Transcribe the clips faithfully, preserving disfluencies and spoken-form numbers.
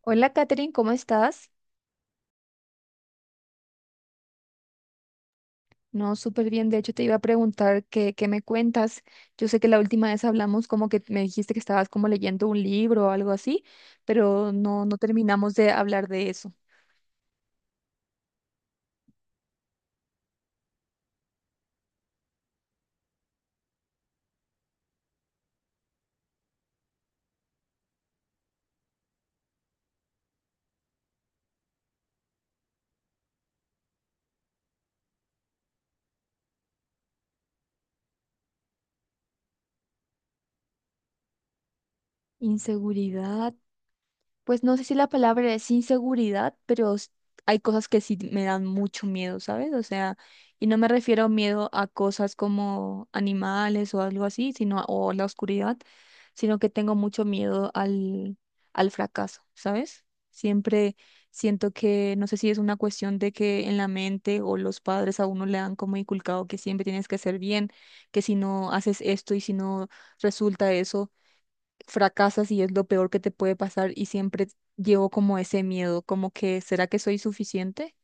Hola, Katherine, ¿cómo estás? No, súper bien. De hecho, te iba a preguntar qué, qué me cuentas. Yo sé que la última vez hablamos como que me dijiste que estabas como leyendo un libro o algo así, pero no, no terminamos de hablar de eso. Inseguridad. Pues no sé si la palabra es inseguridad, pero s- hay cosas que sí me dan mucho miedo, ¿sabes? O sea, y no me refiero a miedo a cosas como animales o algo así, sino a- o la oscuridad, sino que tengo mucho miedo al, al fracaso, ¿sabes? Siempre siento que, no sé si es una cuestión de que en la mente o los padres a uno le han como inculcado que siempre tienes que hacer bien, que si no haces esto y si no resulta eso fracasas y es lo peor que te puede pasar y siempre llevo como ese miedo, como que ¿será que soy suficiente?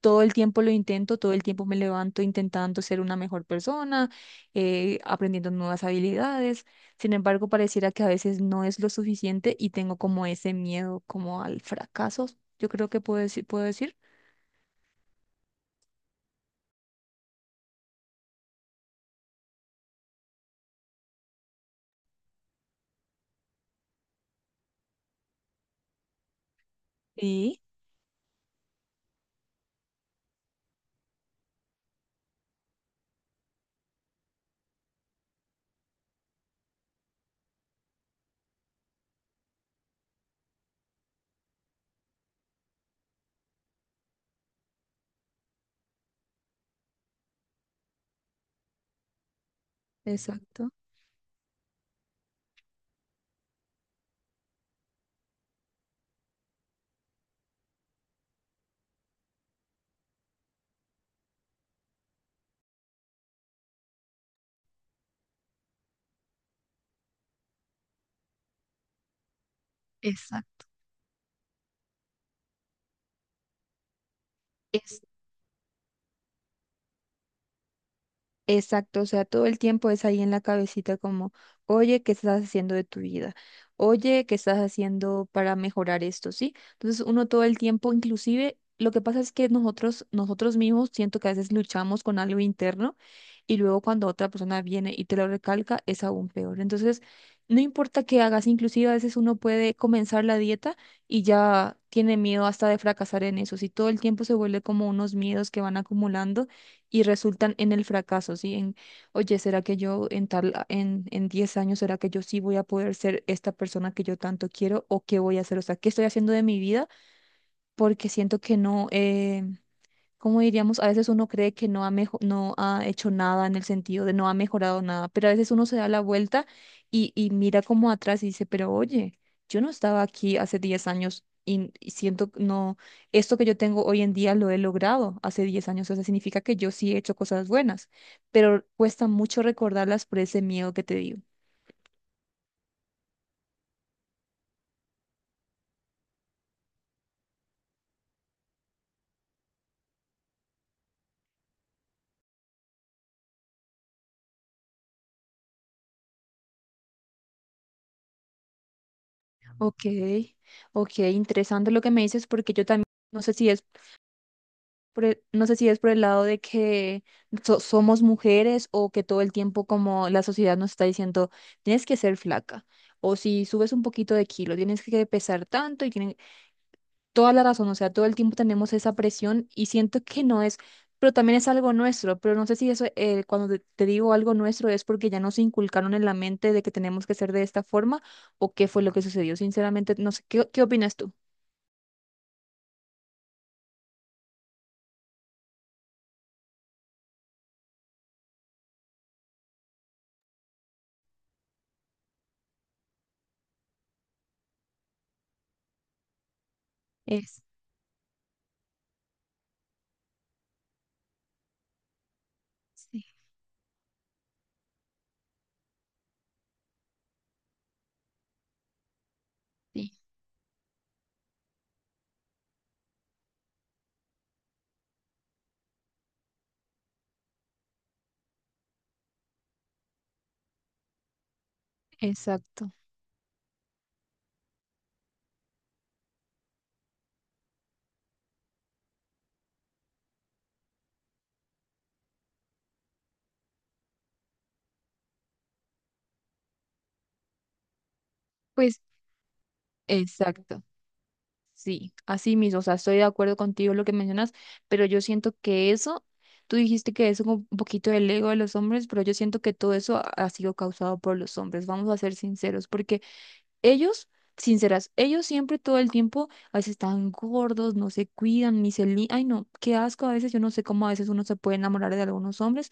Todo el tiempo lo intento, todo el tiempo me levanto intentando ser una mejor persona, eh, aprendiendo nuevas habilidades. Sin embargo, pareciera que a veces no es lo suficiente y tengo como ese miedo como al fracaso, yo creo que puedo decir, puedo decir. Sí, exacto. Exacto. Exacto, o sea, todo el tiempo es ahí en la cabecita como, oye, ¿qué estás haciendo de tu vida? Oye, ¿qué estás haciendo para mejorar esto? ¿Sí? Entonces uno todo el tiempo, inclusive, lo que pasa es que nosotros, nosotros mismos siento que a veces luchamos con algo interno y luego cuando otra persona viene y te lo recalca es aún peor. Entonces, no importa qué hagas, inclusive a veces uno puede comenzar la dieta y ya tiene miedo hasta de fracasar en eso. Si todo el tiempo se vuelve como unos miedos que van acumulando y resultan en el fracaso, ¿sí? En, oye, ¿será que yo en tal, a- en, en diez años, ¿será que yo sí voy a poder ser esta persona que yo tanto quiero o qué voy a hacer? O sea, ¿qué estoy haciendo de mi vida? Porque siento que no, eh, como diríamos, a veces uno cree que no ha, mejo- no ha hecho nada en el sentido de no ha mejorado nada, pero a veces uno se da la vuelta y, y mira como atrás y dice, pero oye, yo no estaba aquí hace diez años y, y siento, que no, esto que yo tengo hoy en día lo he logrado hace diez años, o sea, significa que yo sí he hecho cosas buenas, pero cuesta mucho recordarlas por ese miedo que te digo. Ok, ok, interesante lo que me dices porque yo también, no sé si es por el- no sé si es por el lado de que so- somos mujeres o que todo el tiempo como la sociedad nos está diciendo, tienes que ser flaca. O si subes un poquito de kilo, tienes que pesar tanto y tienen toda la razón. O sea, todo el tiempo tenemos esa presión y siento que no es, pero también es algo nuestro. Pero no sé si eso, eh, cuando te, te digo algo nuestro, es porque ya nos inculcaron en la mente de que tenemos que ser de esta forma o qué fue lo que sucedió. Sinceramente, no sé, ¿qué, ¿qué opinas tú? Es, sí, sí, exacto. Pues, exacto. Sí, así mismo, o sea, estoy de acuerdo contigo en lo que mencionas, pero yo siento que eso, tú dijiste que eso es como un poquito del ego de los hombres, pero yo siento que todo eso ha ha sido causado por los hombres, vamos a ser sinceros, porque ellos, sinceras, ellos siempre todo el tiempo, a veces están gordos, no se cuidan, ni se li... Ay, no, qué asco a veces, yo no sé cómo a veces uno se puede enamorar de algunos hombres,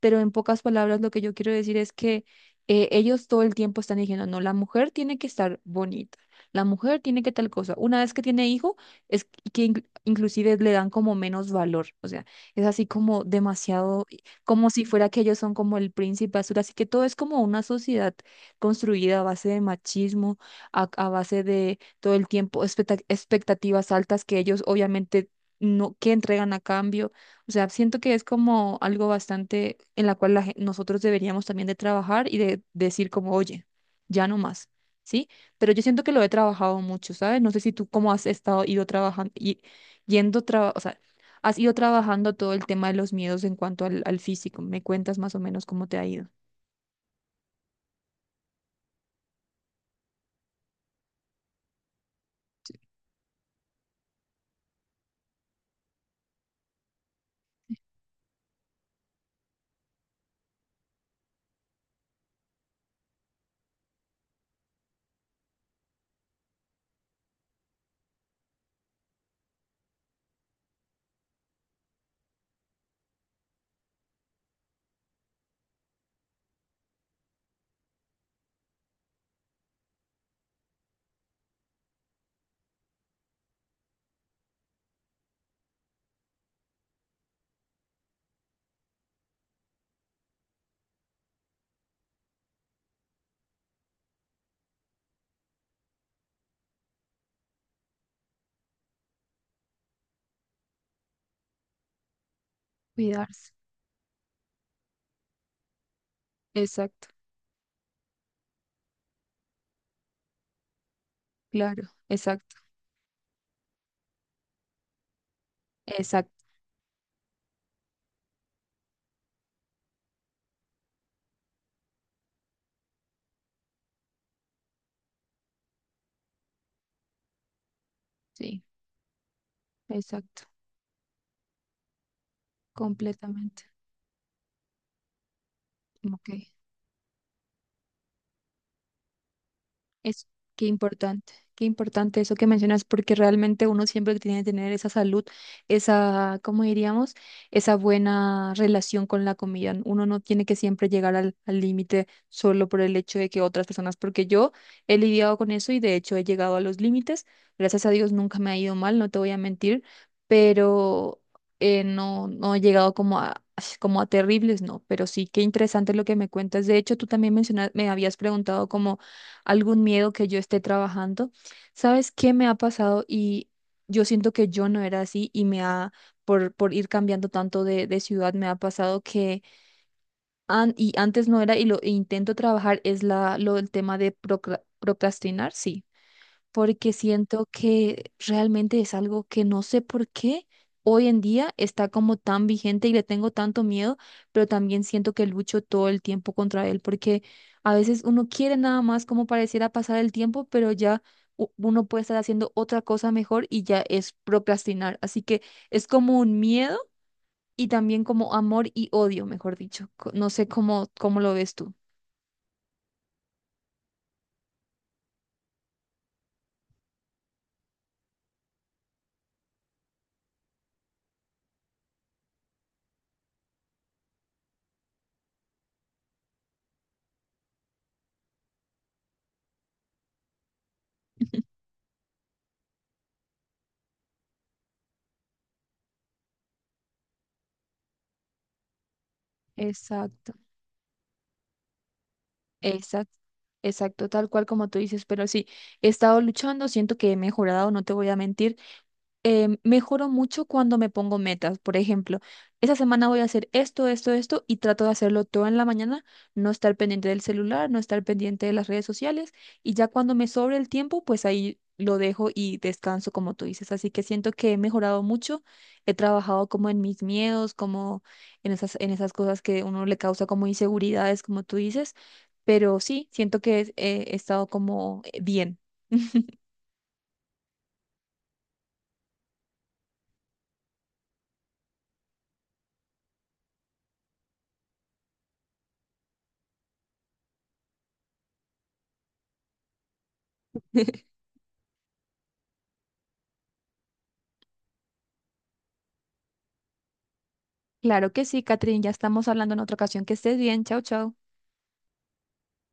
pero en pocas palabras lo que yo quiero decir es que eh, ellos todo el tiempo están diciendo, no, la mujer tiene que estar bonita, la mujer tiene que tal cosa. Una vez que tiene hijo, es que inclu- inclusive le dan como menos valor, o sea, es así como demasiado, como si fuera que ellos son como el príncipe azul, así que todo es como una sociedad construida a base de machismo, a, a base de todo el tiempo expecta- expectativas altas que ellos obviamente no, que entregan a cambio. O sea, siento que es como algo bastante en la cual la gen- nosotros deberíamos también de trabajar y de decir como, oye, ya no más. ¿Sí? Pero yo siento que lo he trabajado mucho, ¿sabes? No sé si tú cómo has estado, ido trabajando, y, yendo, traba- o sea, has ido trabajando todo el tema de los miedos en cuanto al, al físico. ¿Me cuentas más o menos cómo te ha ido? Cuidarse. Exacto. Claro, exacto, exacto, sí, exacto, completamente. Ok, es qué importante, qué importante eso que mencionas, porque realmente uno siempre tiene que tener esa salud, esa, ¿cómo diríamos? Esa buena relación con la comida. Uno no tiene que siempre llegar al al límite solo por el hecho de que otras personas, porque yo he lidiado con eso y de hecho he llegado a los límites. Gracias a Dios nunca me ha ido mal, no te voy a mentir, pero eh, no, no he llegado como a, como a terribles, no, pero sí, qué interesante lo que me cuentas. De hecho, tú también mencionas, me habías preguntado como algún miedo que yo esté trabajando. ¿Sabes qué me ha pasado? Y yo siento que yo no era así y me ha, por, por ir cambiando tanto de, de ciudad, me ha pasado que, an- y antes no era, y lo e intento trabajar, es la, lo del tema de procra- procrastinar, sí porque siento que realmente es algo que no sé por qué hoy en día está como tan vigente y le tengo tanto miedo, pero también siento que lucho todo el tiempo contra él, porque a veces uno quiere nada más como pareciera pasar el tiempo, pero ya u- uno puede estar haciendo otra cosa mejor y ya es procrastinar. Así que es como un miedo y también como amor y odio, mejor dicho. Co- No sé cómo, cómo lo ves tú. Exacto. Exacto, exacto, tal cual como tú dices, pero sí, he estado luchando, siento que he mejorado, no te voy a mentir eh, mejoro mucho cuando me pongo metas. Por ejemplo, esa semana voy a hacer esto, esto, esto y trato de hacerlo todo en la mañana, no estar pendiente del celular, no estar pendiente de las redes sociales y ya cuando me sobre el tiempo, pues ahí lo dejo y descanso como tú dices. Así que siento que he mejorado mucho, he trabajado como en mis miedos, como en esas, en esas cosas que uno le causa como inseguridades, como tú dices. Pero sí, siento que eh, he estado como eh, bien. Claro que sí, Catherine, ya estamos hablando en otra ocasión. Que estés bien. Chao, chao.